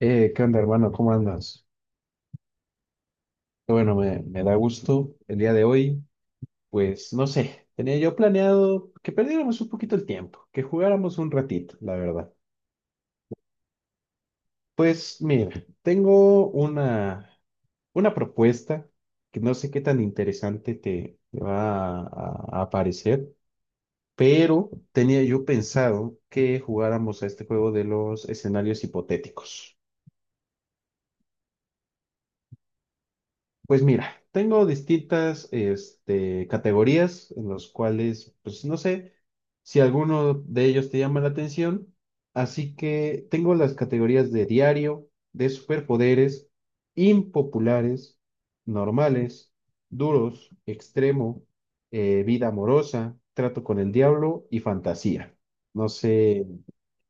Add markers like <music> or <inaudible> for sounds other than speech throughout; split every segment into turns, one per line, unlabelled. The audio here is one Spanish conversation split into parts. ¿Qué onda, hermano? ¿Cómo andas? Qué bueno, me da gusto el día de hoy. Pues no sé, tenía yo planeado que perdiéramos un poquito el tiempo, que jugáramos un ratito, la verdad. Pues mira, tengo una propuesta que no sé qué tan interesante te va a parecer, pero tenía yo pensado que jugáramos a este juego de los escenarios hipotéticos. Pues mira, tengo distintas categorías en los cuales, pues no sé si alguno de ellos te llama la atención. Así que tengo las categorías de diario, de superpoderes, impopulares, normales, duros, extremo, vida amorosa, trato con el diablo y fantasía. No sé,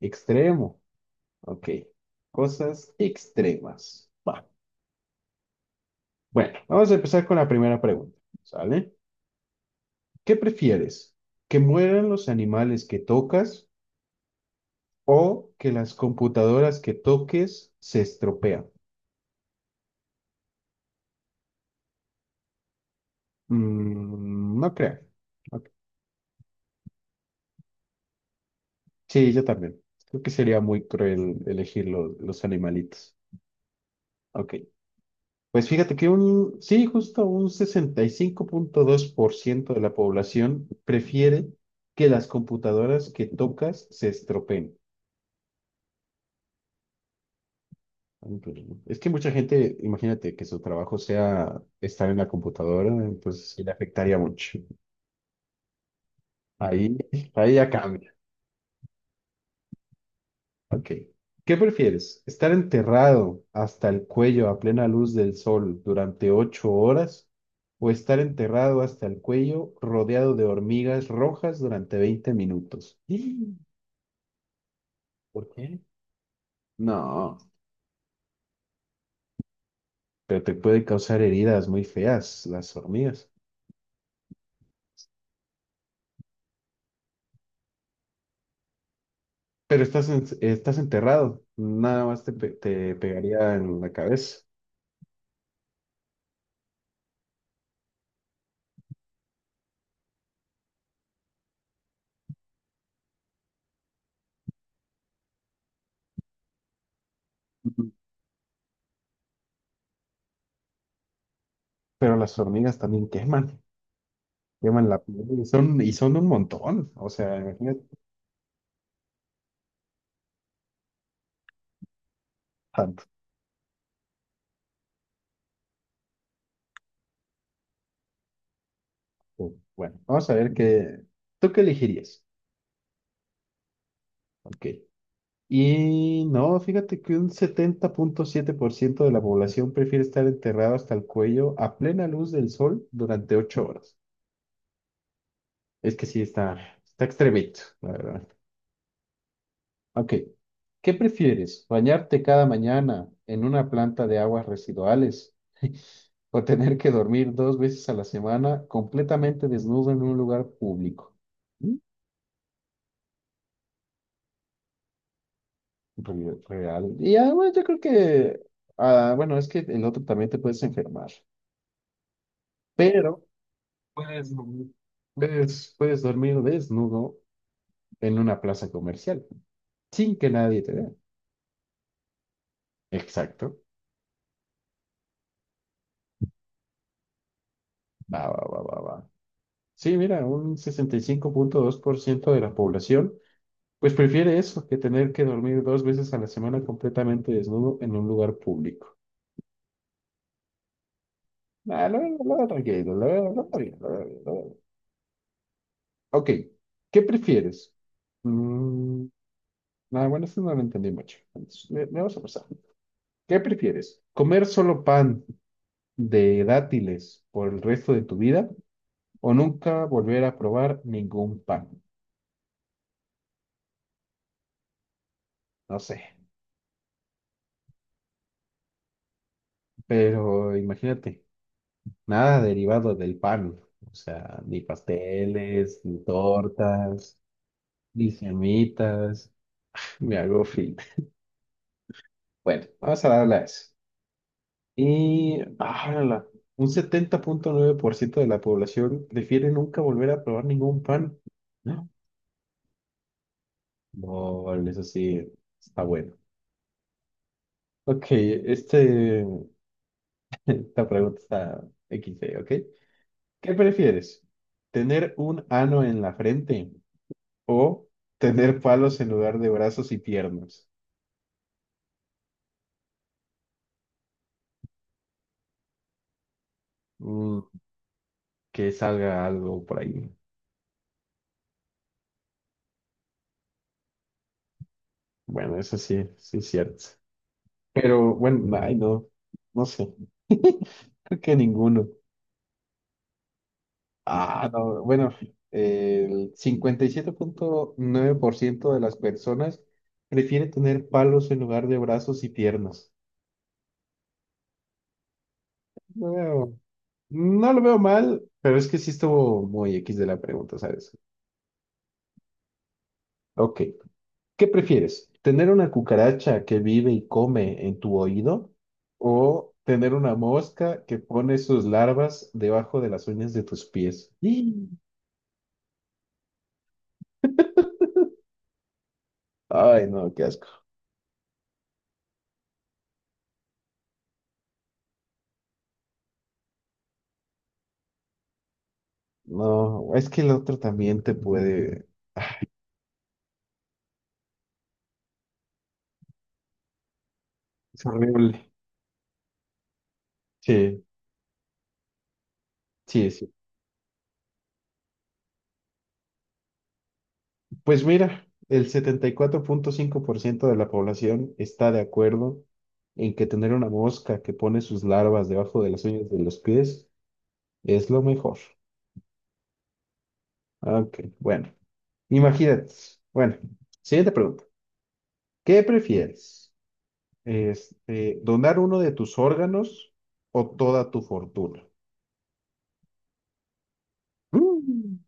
extremo, ok. Cosas extremas. Va. Bueno, vamos a empezar con la primera pregunta, ¿sale? ¿Qué prefieres? ¿Que mueran los animales que tocas o que las computadoras que toques se estropean? Mm, no creo. Ok. Sí, yo también. Creo que sería muy cruel elegir los animalitos. Ok. Pues fíjate que un, sí, justo un 65.2% de la población prefiere que las computadoras que tocas se estropeen. Un problema. Es que mucha gente, imagínate que su trabajo sea estar en la computadora, pues sí le afectaría mucho. Ahí, ahí ya cambia. Ok. ¿Qué prefieres? ¿Estar enterrado hasta el cuello a plena luz del sol durante 8 horas o estar enterrado hasta el cuello rodeado de hormigas rojas durante 20 minutos? <gasps> ¿Por qué? No, pero te puede causar heridas muy feas las hormigas. Pero estás enterrado, nada más te pegaría en la cabeza. Ujú. Pero las hormigas también queman la piel y son un montón. O sea, imagínate tanto. Bueno, vamos a ver qué. ¿Tú qué elegirías? Ok. Y no, fíjate que un 70.7% de la población prefiere estar enterrado hasta el cuello a plena luz del sol durante ocho horas. Es que sí, está extremito, la verdad. Ok. ¿Qué prefieres? ¿Bañarte cada mañana en una planta de aguas residuales <laughs> o tener que dormir dos veces a la semana completamente desnudo en un lugar público? Mm, Real. Y bueno, yo creo que, bueno, es que el otro también te puedes enfermar, pero puedes, dormir- puedes dormir desnudo en una plaza comercial sin que nadie te vea. Exacto. Va, va, va, va, va. Sí, mira, un 65.2% de la población, pues prefiere eso que tener que dormir dos veces a la semana completamente desnudo en un lugar público. Ah, lo veo tranquilo, lo veo bien, lo veo bien, lo veo bien. Ok, ¿qué prefieres? Mm, bueno, esto no lo entendí mucho. Entonces, le vamos a pasar. ¿Qué prefieres? ¿Comer solo pan de dátiles por el resto de tu vida o nunca volver a probar ningún pan? No sé, pero imagínate. Nada derivado del pan, o sea, ni pasteles, ni tortas, ni semitas me hago fit. Bueno, vamos a darle a eso. Y, un 70.9% de la población prefiere nunca volver a probar ningún pan. No, no, eso sí, está bueno. Ok, <laughs> esta pregunta está XD, ¿ok? ¿Qué prefieres? ¿Tener un ano en la frente? O tener palos en lugar de brazos y piernas. Mm, que salga algo por ahí. Bueno, eso sí, sí es cierto. Pero bueno, ay, no, no sé. <laughs> Creo que ninguno. Ah, no, bueno, el 57.9% de las personas prefiere tener palos en lugar de brazos y piernas. No veo- no lo veo mal, pero es que sí estuvo muy X de la pregunta, ¿sabes? Ok. ¿Qué prefieres? ¿Tener una cucaracha que vive y come en tu oído o tener una mosca que pone sus larvas debajo de las uñas de tus pies? ¡Y! Ay, no, qué asco. No, es que el otro también te puede... Es horrible. Sí, sí, sí. Pues mira, el 74.5% de la población está de acuerdo en que tener una mosca que pone sus larvas debajo de las uñas de los pies es lo mejor. Ok, bueno. Imagínate. Bueno, siguiente pregunta. ¿Qué prefieres? ¿Donar uno de tus órganos o toda tu fortuna? Mm.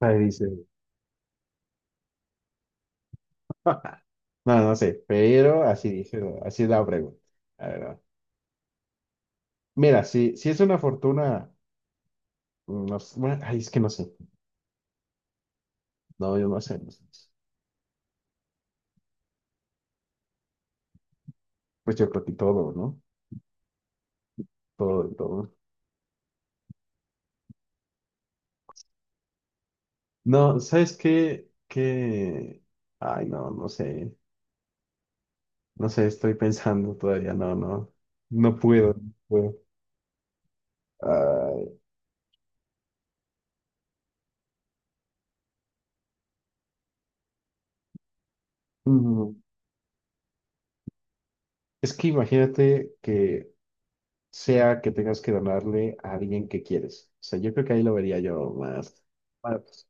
Ahí dice. No, no sé, pero así dice, así es la pregunta. A ver, a. Mira, si es una fortuna, no sé, bueno, ay, es que no sé. No, yo no sé, no sé. Pues yo creo que todo, ¿no? Todo, todo. No, ¿sabes qué? Que, ay, no, no sé. No sé, estoy pensando todavía, no, no, no puedo, no puedo. Ay, mm, es que imagínate que sea que tengas que donarle a alguien que quieres. O sea, yo creo que ahí lo vería yo más, más,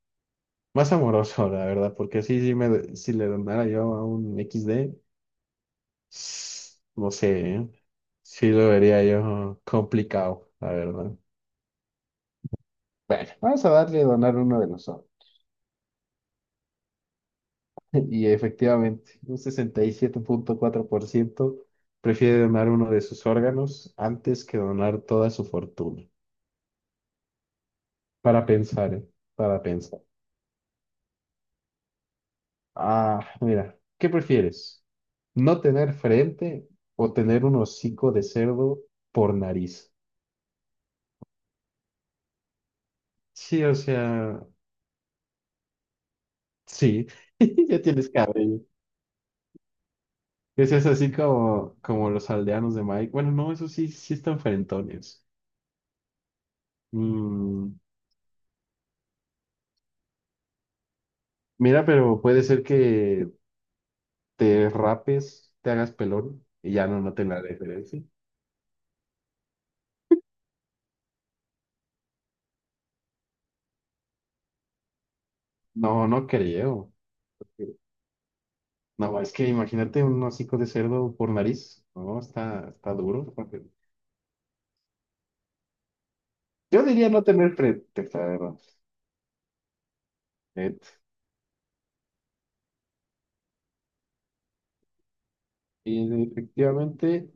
más amoroso, la verdad, porque sí, si le donara yo a un XD, no sé, ¿eh? Sí lo vería yo complicado, la verdad. Bueno, vamos a darle a donar uno de nosotros. Y efectivamente, un 67.4% prefiere donar uno de sus órganos antes que donar toda su fortuna. Para pensar, ¿eh? Para pensar. Ah, mira, ¿qué prefieres? ¿No tener frente o tener un hocico de cerdo por nariz? Sí, o sea, sí, <laughs> ya tienes cabello. Ese es así como, los aldeanos de Mike. Bueno, no, eso sí, sí están frentones. Mm, mira, pero puede ser que te rapes, te hagas pelón y ya no noten la diferencia. No, no creo. No, es que imagínate un hocico de cerdo por nariz. No, está duro. Yo diría no tener frente, la verdad. Et- Y efectivamente,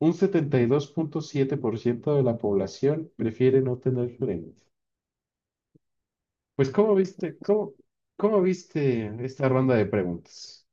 un 72.7% de la población prefiere no tener frente. Pues, ¿cómo viste esta ronda de preguntas?